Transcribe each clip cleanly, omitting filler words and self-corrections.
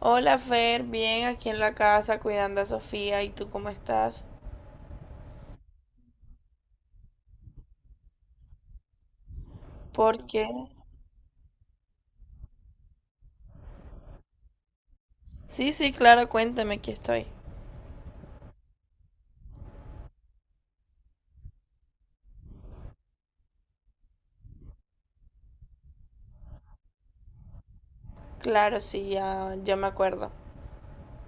Hola Fer, bien aquí en la casa cuidando a Sofía. ¿Y tú cómo estás? ¿Por qué? Sí, sí, claro, cuéntame, aquí estoy. Claro, sí, ya me acuerdo.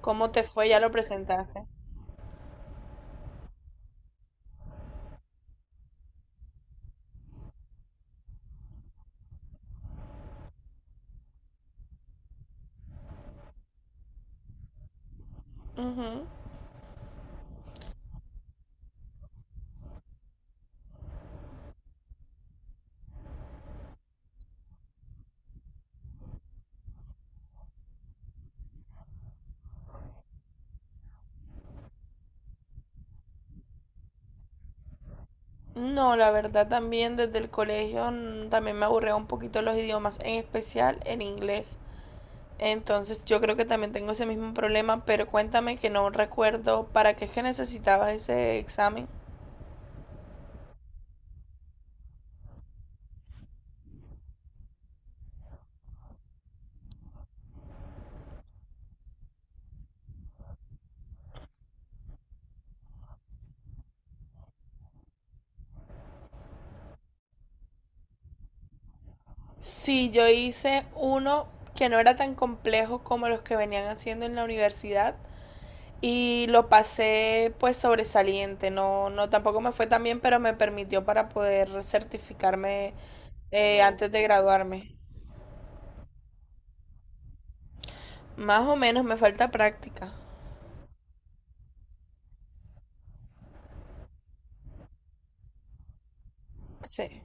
¿Cómo te fue? ¿Ya lo presentaste? Ujú. No, la verdad también desde el colegio también me aburría un poquito los idiomas, en especial el inglés. Entonces yo creo que también tengo ese mismo problema, pero cuéntame que no recuerdo para qué es que necesitabas ese examen. Sí, yo hice uno que no era tan complejo como los que venían haciendo en la universidad y lo pasé pues sobresaliente, no, no tampoco me fue tan bien, pero me permitió para poder certificarme antes de graduarme. Más o menos me falta práctica. Sí,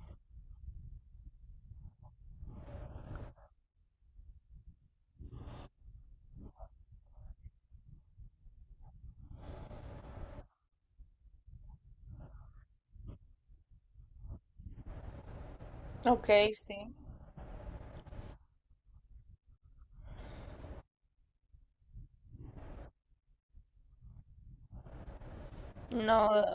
ok, sí. No,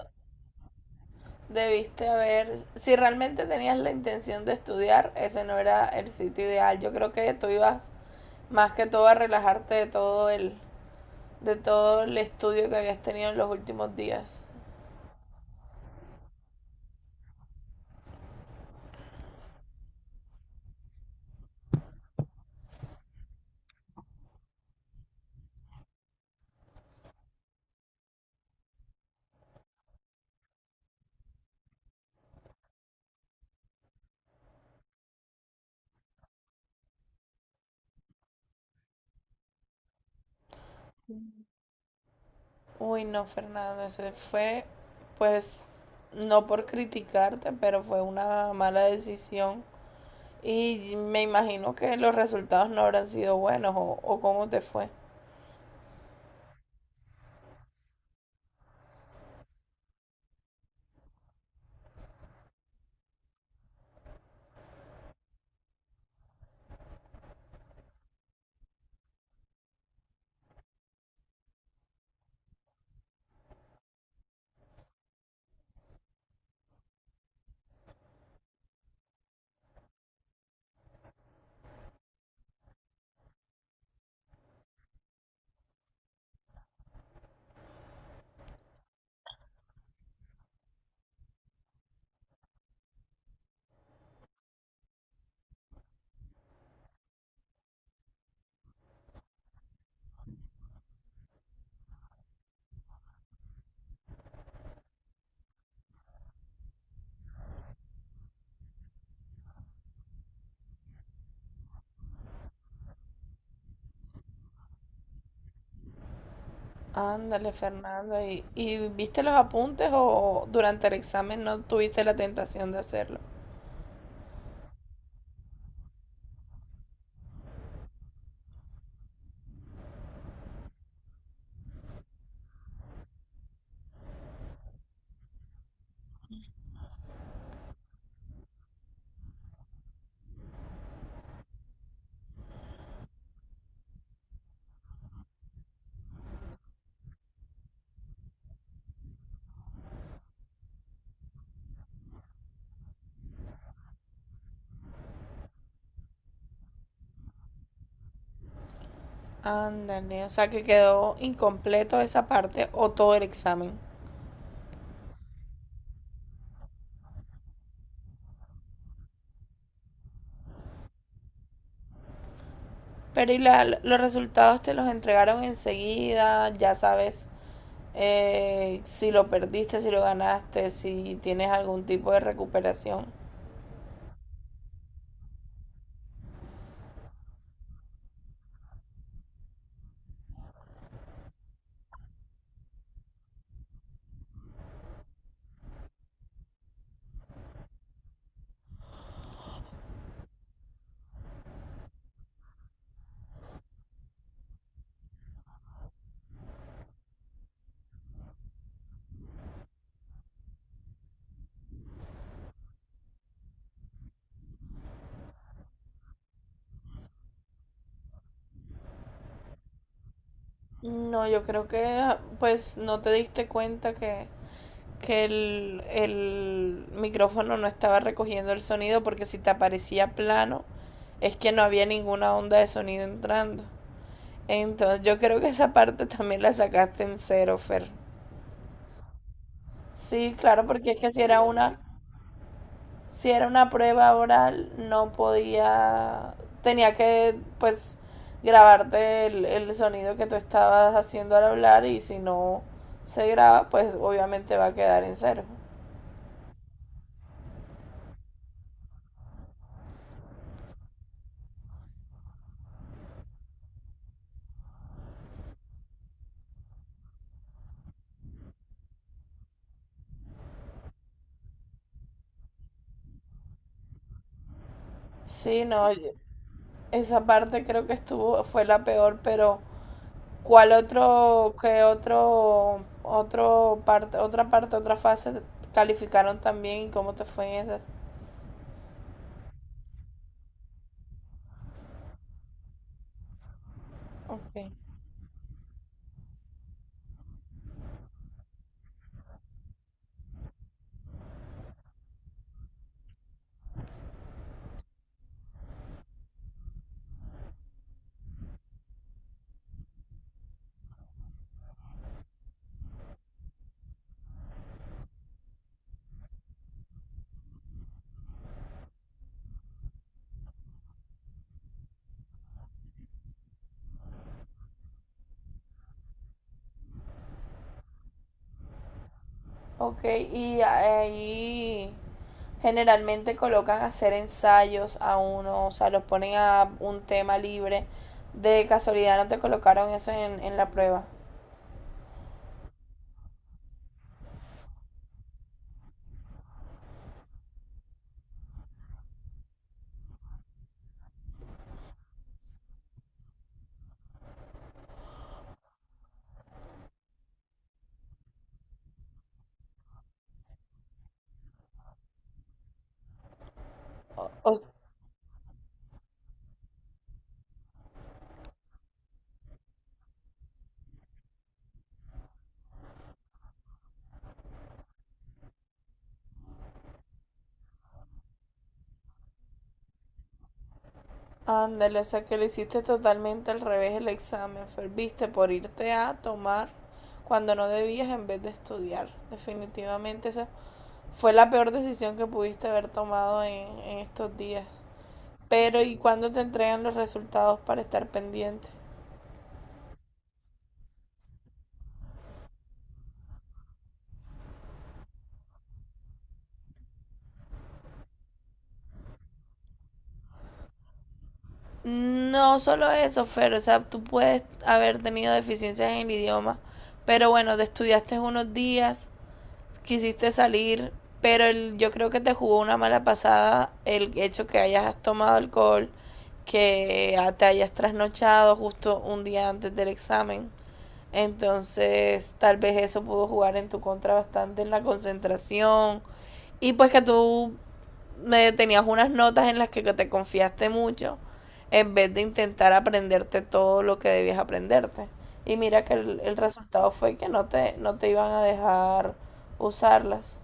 debiste haber, si realmente tenías la intención de estudiar, ese no era el sitio ideal. Yo creo que tú ibas más que todo a relajarte de todo el estudio que habías tenido en los últimos días. Uy, no, Fernando, eso fue, pues, no por criticarte, pero fue una mala decisión. Y me imagino que los resultados no habrán sido buenos o cómo te fue. Ándale, Fernando. Y viste los apuntes o durante el examen no tuviste la tentación de hacerlo? Ándale, o sea que quedó incompleto esa parte o todo el examen. Pero y la- los resultados te los entregaron enseguida, ya sabes si lo perdiste, si lo ganaste, si tienes algún tipo de recuperación. No, yo creo que pues no te diste cuenta que el micrófono no estaba recogiendo el sonido porque si te aparecía plano es que no había ninguna onda de sonido entrando. Entonces yo creo que esa parte también la sacaste en cero, Fer. Sí, claro, porque es que si era una... si era una prueba oral, no podía, tenía que pues grabarte el sonido que tú estabas haciendo al hablar y si no se graba, pues obviamente va a quedar en cero. Sí, no, yo- esa parte creo que estuvo, fue la peor, pero ¿cuál otro, qué otro, otro parte, otra fase calificaron también y cómo te fue en esas? Ok. Ok, y ahí generalmente colocan a hacer ensayos a uno, o sea, los ponen a un tema libre. De casualidad no te colocaron eso en la prueba. O- ándale, o sea que le hiciste totalmente al revés el examen. Ferviste por irte a tomar cuando no debías en vez de estudiar. Definitivamente esa fue la peor decisión que pudiste haber tomado en estos días. Pero ¿y cuándo te entregan los resultados para estar pendiente? No solo eso, Fer, o sea, tú puedes haber tenido deficiencias en el idioma, pero bueno, te estudiaste unos días, quisiste salir, pero el- yo creo que te jugó una mala pasada el hecho que hayas tomado alcohol, que te hayas trasnochado justo un día antes del examen. Entonces, tal vez eso pudo jugar en tu contra bastante en la concentración. Y pues que tú me tenías unas notas en las que te confiaste mucho en vez de intentar aprenderte todo lo que debías aprenderte. Y mira que el resultado fue que no te iban a dejar usarlas.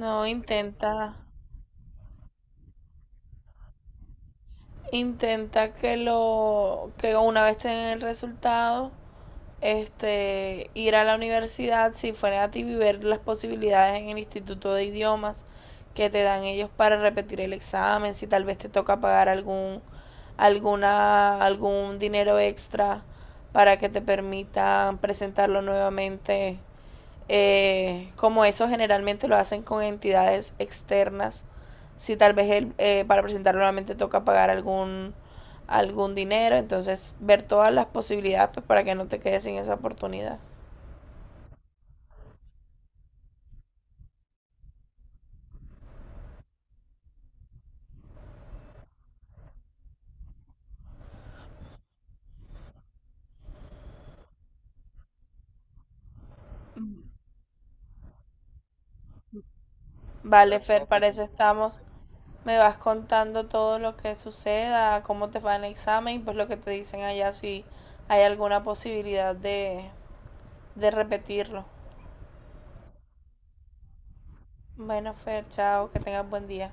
No, intenta, intenta que lo, que una vez tengan el resultado, este, ir a la universidad si fuera a ti y ver las posibilidades en el Instituto de Idiomas que te dan ellos para repetir el examen, si tal vez te toca pagar algún, alguna, algún dinero extra para que te permitan presentarlo nuevamente como eso generalmente lo hacen con entidades externas, si tal vez el, para presentarlo nuevamente toca pagar algún, algún dinero, entonces ver todas las posibilidades pues, para que no te quedes sin esa oportunidad. Vale, Fer, para eso estamos. Me vas contando todo lo que suceda, cómo te va en el examen, y pues lo que te dicen allá, si hay alguna posibilidad de repetirlo. Bueno, Fer, chao, que tengas buen día.